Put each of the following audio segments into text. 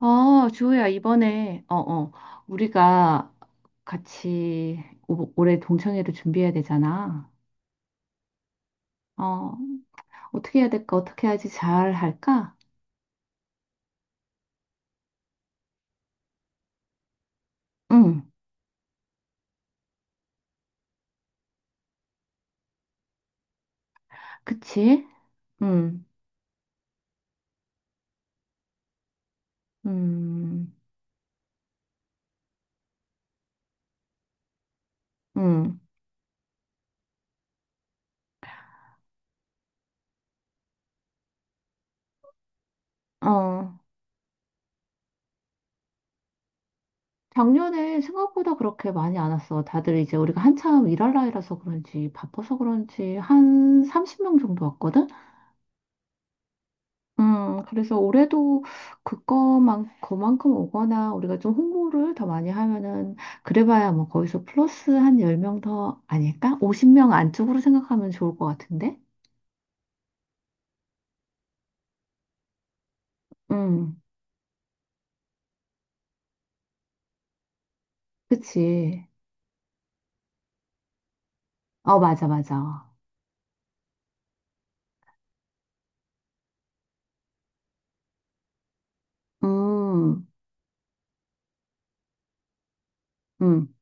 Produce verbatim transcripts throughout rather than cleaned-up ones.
아, 주호야, 이번에, 어, 어, 우리가 같이 오- 올해 동창회를 준비해야 되잖아. 어, 어떻게 해야 될까? 어떻게 해야지 잘 할까? 응, 그치? 응, 음, 응, 어. 작년에 생각보다 그렇게 많이 안 왔어. 다들 이제 우리가 한참 일할 나이라서 그런지, 바빠서 그런지, 한 서른 명 정도 왔거든? 음, 그래서 올해도 그거만, 그만큼 오거나 우리가 좀 홍보를 더 많이 하면은, 그래봐야 뭐 거기서 플러스 한 열 명 더 아닐까? 쉰 명 안쪽으로 생각하면 좋을 것 같은데? 음, 그치. 어, 맞아, 맞아. 음, 음,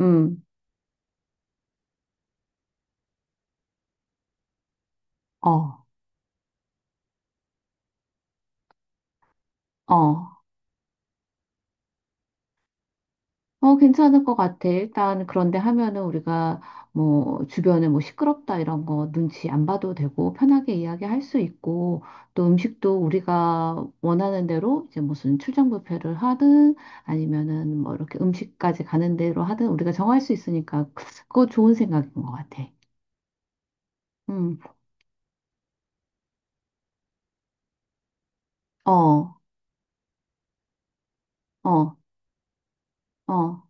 음, 어, 어. 어, 괜찮을 것 같아. 일단, 그런데 하면은 우리가 뭐, 주변에 뭐 시끄럽다 이런 거 눈치 안 봐도 되고, 편하게 이야기할 수 있고, 또 음식도 우리가 원하는 대로 이제 무슨 출장 뷔페를 하든, 아니면은 뭐 이렇게 음식까지 가는 대로 하든 우리가 정할 수 있으니까, 그거 좋은 생각인 것 같아. 음, 어, 어, 어, 어,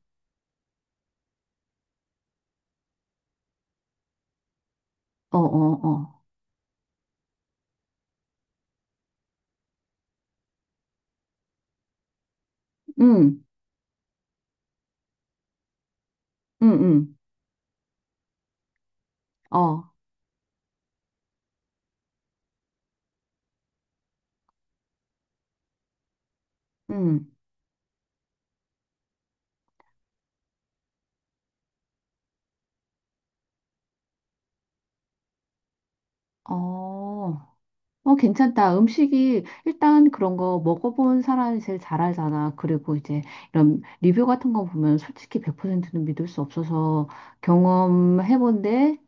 어, 어, 음, 음, 음, 어, 음, 어. 어, 괜찮다. 음식이 일단 그런 거 먹어본 사람이 제일 잘 알잖아. 그리고 이제 이런 리뷰 같은 거 보면 솔직히 백 퍼센트는 믿을 수 없어서 경험해본데,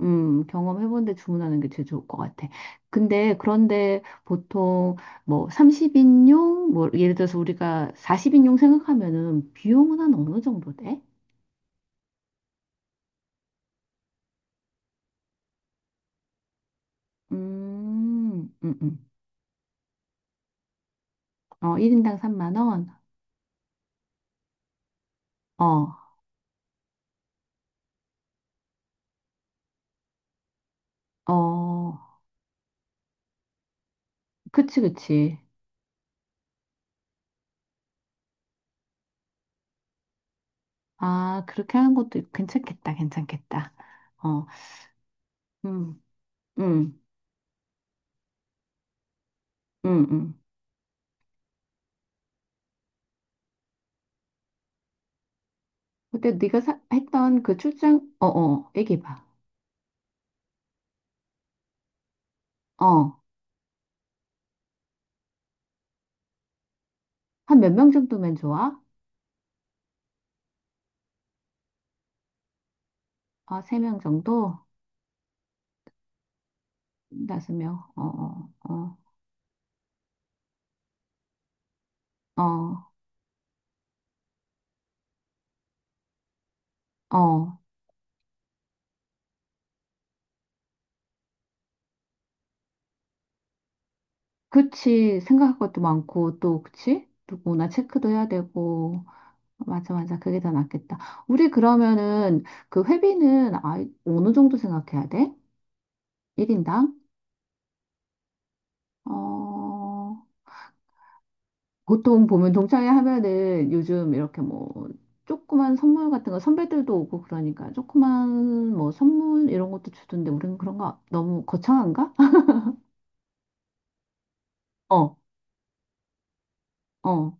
음, 경험해본데 주문하는 게 제일 좋을 것 같아. 근데 그런데 보통 뭐 삼십 인용, 뭐 예를 들어서 우리가 사십 인용 생각하면은 비용은 한 어느 정도 돼? 음, 음, 음. 어, 일인당 삼만 원? 어, 어, 그치, 그치. 아, 그렇게 하는 것도 괜찮겠다, 괜찮겠다. 어, 음, 음, 음, 음. 근데 네가 사- 했던 그 출장, 어, 어, 얘기해봐. 어, 한 몇 명 정도면 좋아? 아, 세 명 정도? 다섯 명? 어, 어, 어, 어, 어. 그치. 생각할 것도 많고, 또, 그치? 누구나 체크도 해야 되고. 맞아, 맞아. 그게 더 낫겠다. 우리 그러면은 그 회비는 아, 어느 정도 생각해야 돼? 일인당? 어, 보통 보면 동창회 하면은 요즘 이렇게 뭐 조그만 선물 같은 거 선배들도 오고 그러니까 조그만 뭐 선물 이런 것도 주던데 우리는 그런 거 너무 거창한가? 어, 어,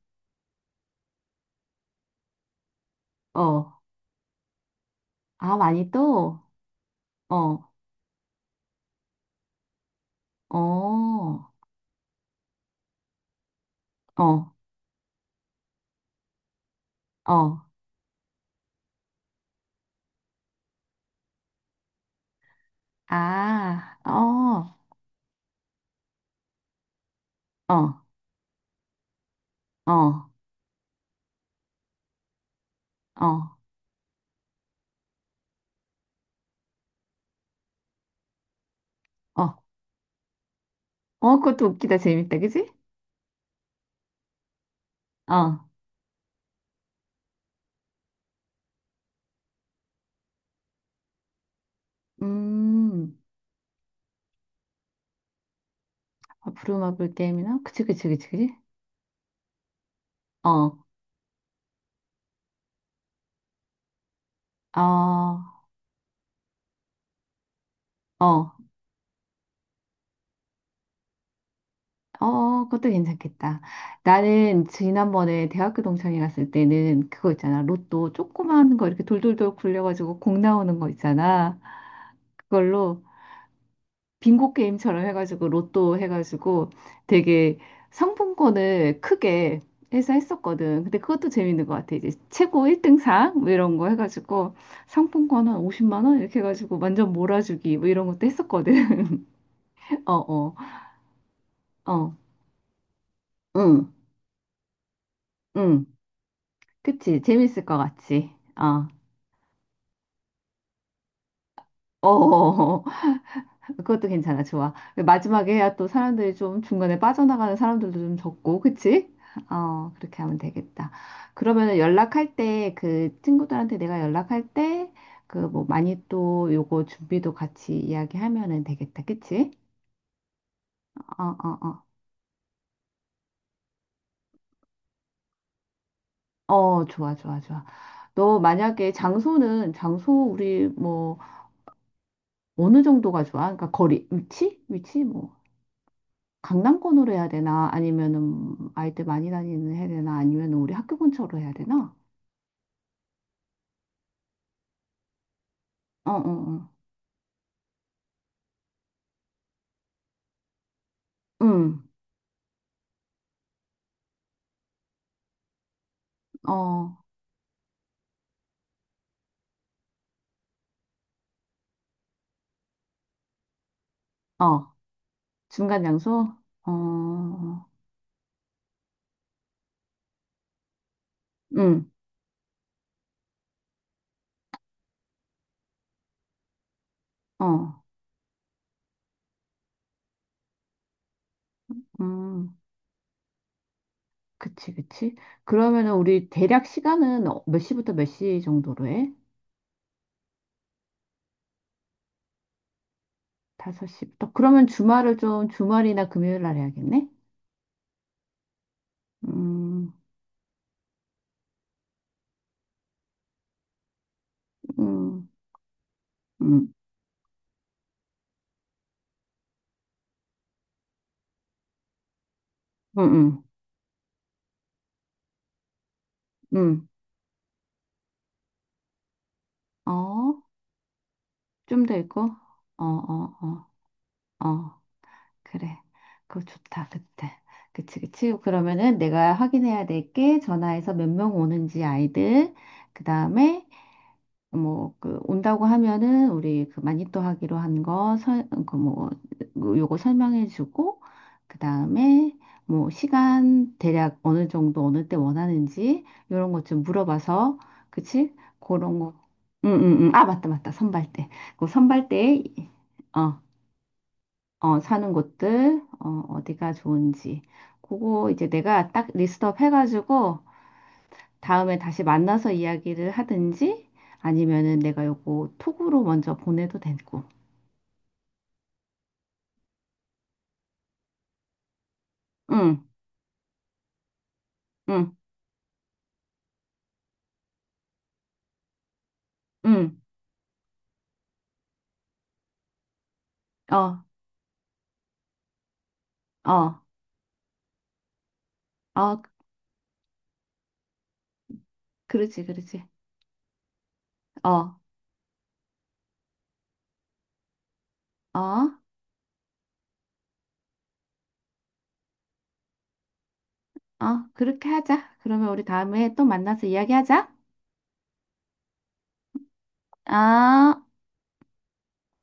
어. 아, 많이 또? 어, 어, 어, 어. 아, 어, 어, 어, 어, 어. 어, 그것도 웃기다. 재밌다. 그지? 어. 음. 아, 부루마블 게임이나? 그치, 그치, 그치, 그치? 어, 어, 어, 어, 그것도 괜찮겠다. 나는 지난번에 대학교 동창회 갔을 때는 그거 있잖아. 로또 조그만 거 이렇게 돌돌돌 굴려가지고 공 나오는 거 있잖아. 그걸로 빙고 게임처럼 해가지고 로또 해가지고 되게 상품권을 크게 해서 했었거든. 근데 그것도 재밌는 것 같아. 이제 최고 일등상 뭐 이런 거 해가지고 상품권 한 오십만 원 이렇게 해가지고 완전 몰아주기 뭐 이런 것도 했었거든. 어, 어, 어, 응, 응. 그치? 재밌을 것 같지? 어. 어, 그것도 괜찮아. 좋아. 마지막에 해야 또 사람들이 좀 중간에 빠져나가는 사람들도 좀 적고, 그치? 어, 그렇게 하면 되겠다. 그러면 연락할 때, 그 친구들한테 내가 연락할 때, 그 뭐 많이 또 요거 준비도 같이 이야기하면은 되겠다. 그치? 어, 어, 어. 어, 좋아, 좋아, 좋아. 너 만약에 장소는, 장소 우리 뭐 어느 정도가 좋아? 그러니까 거리, 위치? 위치? 뭐. 강남권으로 해야 되나? 아니면은 아이들 많이 다니는 해야 되나? 아니면은 우리 학교 근처로 해야 되나? 어, 어, 어. 음, 어, 어. 중간 장소? 어, 음, 어, 음. 그치, 그치. 그러면은 우리 대략 시간은 어- 몇 시부터 몇 시 정도로 해? 다섯 시부터. 그러면 주말을 좀 주말이나 금요일 날 해야겠네? 음, 음, 음, 음, 음, 음. 어, 좀 더 있고? 어, 어, 어, 어. 그래. 그거 좋다. 그때. 그치, 그치. 그러면은 내가 확인해야 될 게 전화해서 몇 명 오는지 아이들, 그 다음에 뭐, 그, 온다고 하면은 우리 그 마니또 하기로 한 거, 설, 그 뭐, 그 요거 설명해 주고, 그 다음에 뭐, 시간, 대략 어느 정도, 어느 때 원하는지, 요런 것 좀 물어봐서, 그치? 그런 거. 응, 응, 응. 아, 맞다, 맞다. 선발 때. 그 선발 때, 어, 어, 사는 곳들, 어, 어디가 좋은지. 그거 이제 내가 딱 리스트업 해가지고 다음에 다시 만나서 이야기를 하든지 아니면은 내가 요거 톡으로 먼저 보내도 되고. 응, 응, 응. 어, 어, 어, 그렇지, 그렇지. 어, 어, 어, 그렇게 하자. 그러면 우리 다음에 또 만나서 이야기하자. 아.